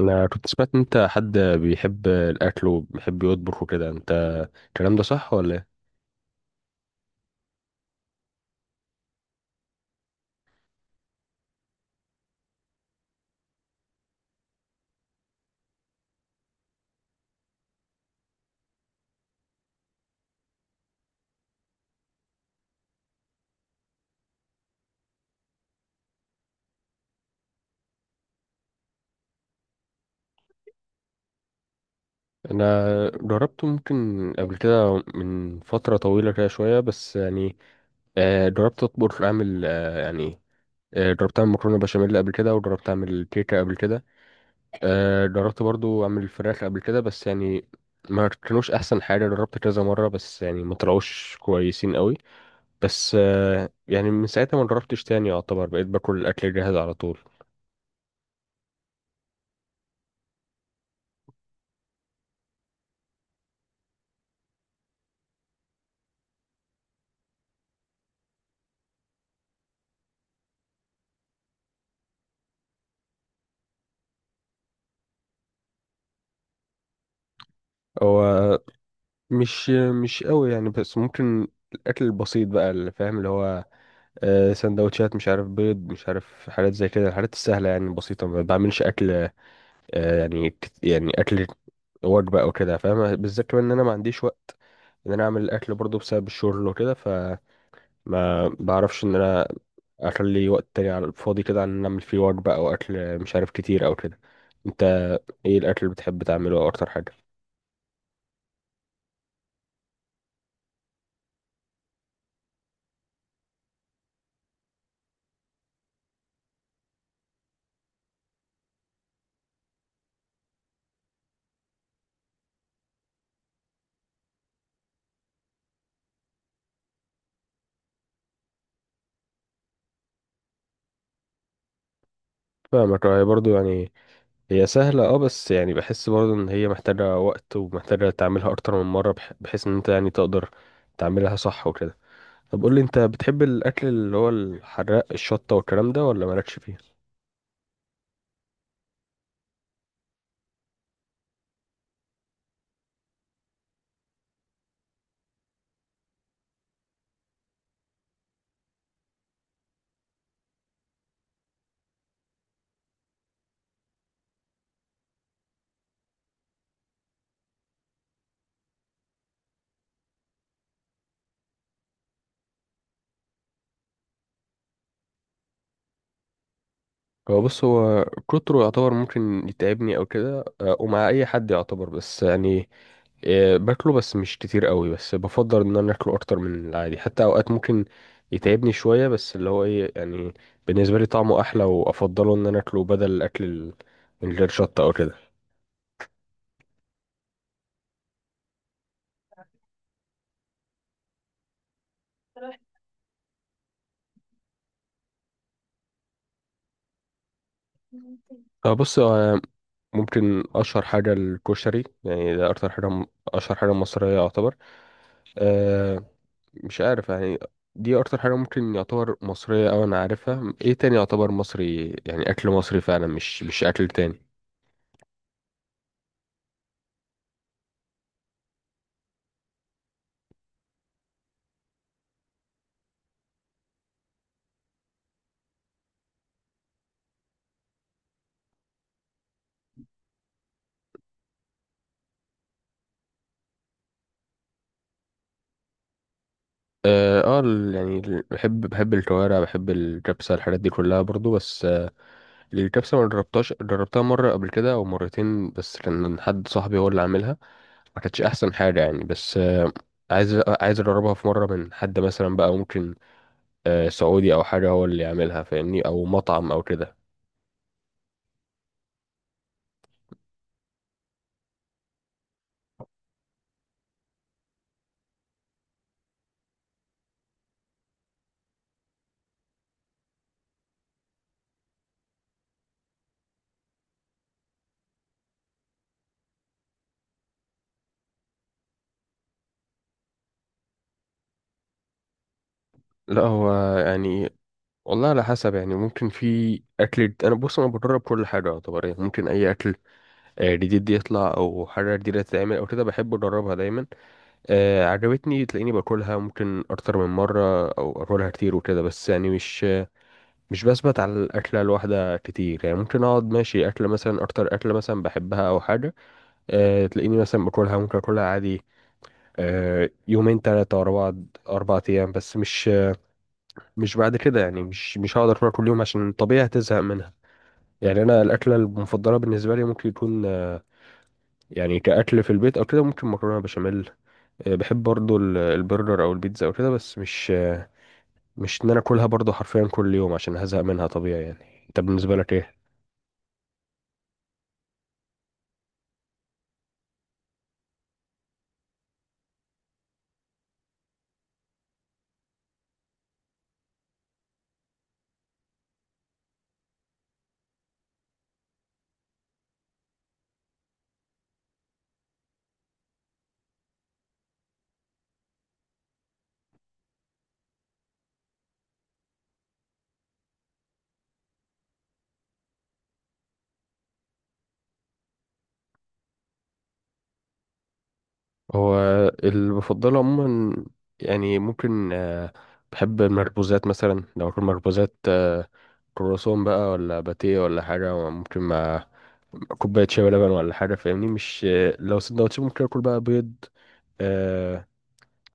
انا كنت سمعت ان انت حد بيحب الاكل وبيحب يطبخ وكده، انت الكلام ده صح ولا ايه؟ انا جربت ممكن قبل كده من فتره طويله كده شويه، بس يعني جربت اطبخ اعمل جربت اعمل مكرونه بشاميل قبل كده، وجربت اعمل كيكه قبل كده. جربت برضو اعمل فراخ قبل كده، بس يعني ما كانوش احسن حاجه. جربت كذا مره بس يعني ما طلعوش كويسين قوي. بس يعني من ساعتها ما جربتش تاني، يعتبر بقيت باكل الاكل الجاهز على طول. هو مش مش قوي يعني، بس ممكن الاكل البسيط بقى اللي فاهم، اللي هو سندوتشات، مش عارف، بيض، مش عارف، حاجات زي كده، الحاجات السهله يعني البسيطه، ما بعملش اكل آه، يعني كت- يعني اكل وجبه او كده، فاهم؟ بالذات كمان ان انا ما عنديش وقت ان انا اعمل الاكل برضه بسبب الشغل وكده، فما بعرفش ان انا اخلي وقت تاني على الفاضي كده عن ان اعمل فيه وجبه او اكل، مش عارف، كتير او كده. انت ايه الاكل اللي بتحب تعمله او اكتر حاجه؟ فاهمك. هي برضه يعني هي سهلة اه، بس يعني بحس برضه ان هي محتاجة وقت ومحتاجة تعملها اكتر من مرة بحيث ان انت يعني تقدر تعملها صح وكده. طب قولي انت، بتحب الاكل اللي هو الحراق، الشطة والكلام ده، ولا مالكش فيه؟ هو كتره يعتبر ممكن يتعبني او كده، ومع اي حد يعتبر، بس يعني باكله بس مش كتير قوي. بس بفضل ان انا اكله اكتر من العادي، حتى اوقات ممكن يتعبني شوية. بس اللي هو ايه يعني، بالنسبة لي طعمه احلى، وافضله ان انا اكله بدل الاكل من غير شطة او كده. آه، بص آه، ممكن اشهر حاجه الكشري يعني. ده اكتر حاجه اشهر حاجه مصريه يعتبر. أه، مش عارف يعني، دي اكتر حاجه ممكن يعتبر مصريه او انا عارفها. ايه تاني يعتبر مصري يعني، اكل مصري فعلا، مش اكل تاني؟ اه، بحب الكوارع، بحب الكبسه، الحاجات دي كلها برضو. بس الكبسه ما جربتهاش. جربتها مره قبل كده او مرتين، بس كان حد صاحبي هو اللي عاملها، ما كانتش احسن حاجه يعني. بس عايز اجربها في مره من حد مثلا بقى ممكن سعودي او حاجه، هو اللي يعملها، فاهمني، او مطعم او كده. لا هو يعني والله على حسب يعني. ممكن في اكل، انا بص، انا بجرب كل حاجه يعتبر يعني. ممكن اي اكل جديد يطلع او حاجه جديده تتعمل او كده، بحب اجربها دايما. عجبتني تلاقيني باكلها ممكن اكتر من مره او اكلها كتير وكده. بس يعني مش بثبت على الاكله الواحده كتير يعني. ممكن اقعد ماشي اكله مثلا، اكتر اكله مثلا بحبها او حاجه، تلاقيني مثلا باكلها، ممكن اكلها عادي يومين ثلاثة أربعة، أربع أيام، بس مش بعد كده يعني. مش هقدر أكلها كل يوم، عشان طبيعي هتزهق منها يعني. أنا الأكلة المفضلة بالنسبة لي ممكن يكون كأكل في البيت أو كده ممكن مكرونة بشاميل. بحب برضو البرجر أو البيتزا أو كده. بس مش إن أنا أكلها برضو حرفيا كل يوم، عشان هزهق منها طبيعي يعني. أنت بالنسبة لك إيه؟ هو اللي بفضله عموما يعني، ممكن بحب المخبوزات مثلا، لو اكل مخبوزات كرواسون بقى، ولا باتيه، ولا حاجة، ممكن مع كوباية شاي ولبن ولا حاجة، فاهمني. مش آه، لو سندوتش ممكن اكل بقى بيض، آه،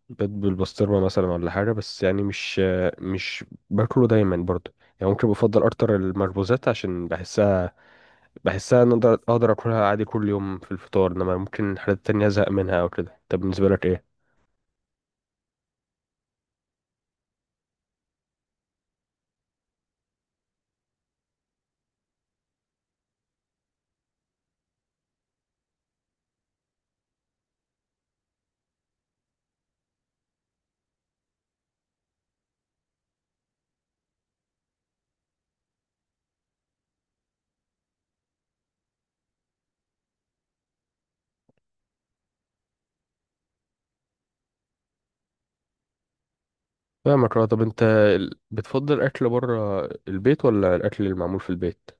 بيض بالبسطرمة مثلا، ولا حاجة. بس يعني مش باكله دايما برضه يعني. ممكن بفضل اكتر المخبوزات، عشان بحسها ان اقدر اكلها عادي كل يوم في الفطار، انما ممكن حاجات تانية ازهق منها او كده. طب بالنسبة لك ايه؟ فاهمك اه. طب انت بتفضل اكل بره البيت ولا الاكل المعمول في البيت؟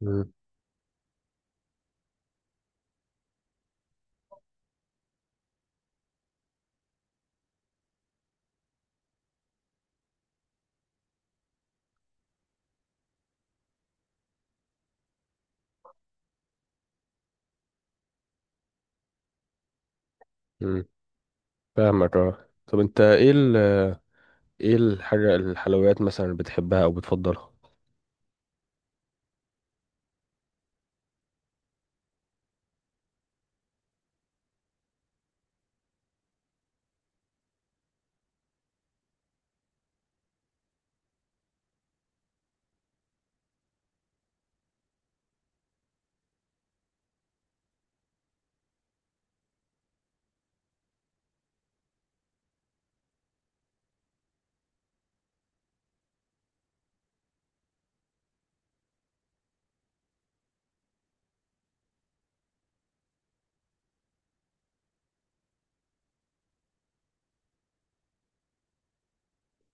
مم. امم. فاهمك اه. طب انت ايه ايه الحاجه الحلويات مثلا اللي بتحبها او بتفضلها؟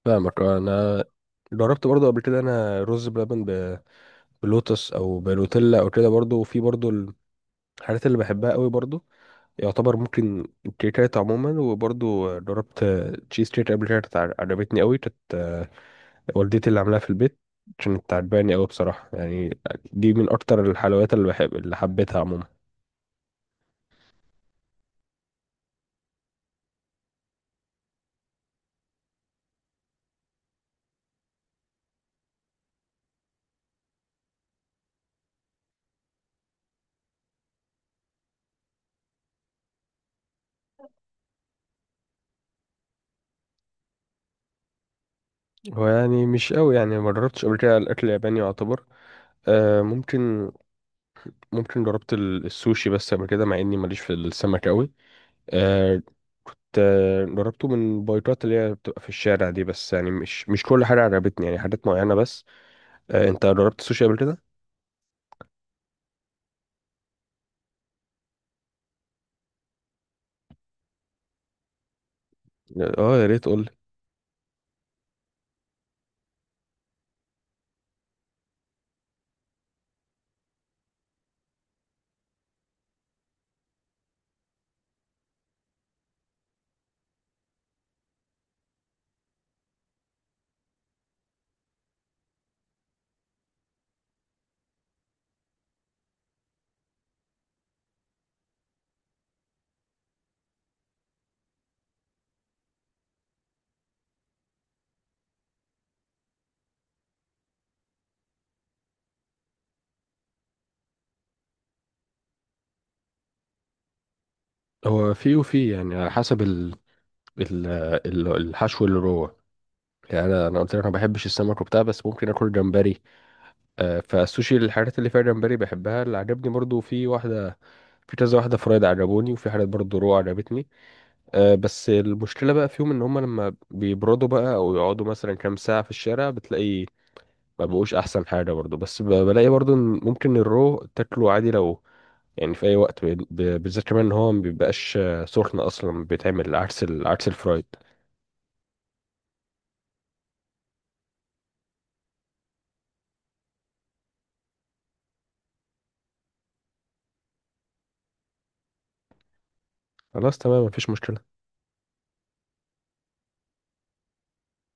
فاهمك اه. انا جربت برضو قبل كده انا رز بلبن بلوتس او بنوتيلا او كده برضو. وفي برضو الحاجات اللي بحبها قوي برضو، يعتبر ممكن الكيكات عموما. وبرضو جربت تشيز كيك قبل كده، كانت عجبتني قوي. كانت والدتي اللي عاملاها في البيت، عشان بتعجباني قوي بصراحة يعني. دي من أكتر الحلويات اللي بحب، اللي حبيتها عموما. هو يعني مش قوي يعني، ما جربتش قبل كده الأكل الياباني يعتبر. آه ممكن، جربت السوشي بس قبل كده، مع إني ماليش في السمك قوي. آه، جربته من بايكات اللي هي بتبقى في الشارع دي، بس يعني مش كل حاجة عجبتني يعني، حاجات معينة بس. آه، أنت جربت السوشي قبل كده؟ اه يا ريت قول. هو في، وفي يعني على حسب ال- الحشو اللي جوه يعني. انا قلت لك ما بحبش السمك وبتاع، بس ممكن اكل جمبري. فالسوشي الحاجات اللي فيها جمبري بحبها. اللي عجبني برضو في واحده، في كذا واحده فرايد عجبوني، وفي حاجات برضو رو عجبتني. بس المشكله بقى فيهم ان هم لما بيبردوا بقى او يقعدوا مثلا كام ساعه في الشارع، بتلاقي ما بقوش احسن حاجه برضو. بس بلاقي برضو ان ممكن الرو تاكله عادي لو يعني في اي وقت، بالذات كمان ان هو ما بيبقاش سخن اصلا، بيتعمل عكس عكس الفرايد. خلاص تمام، مفيش مشكله.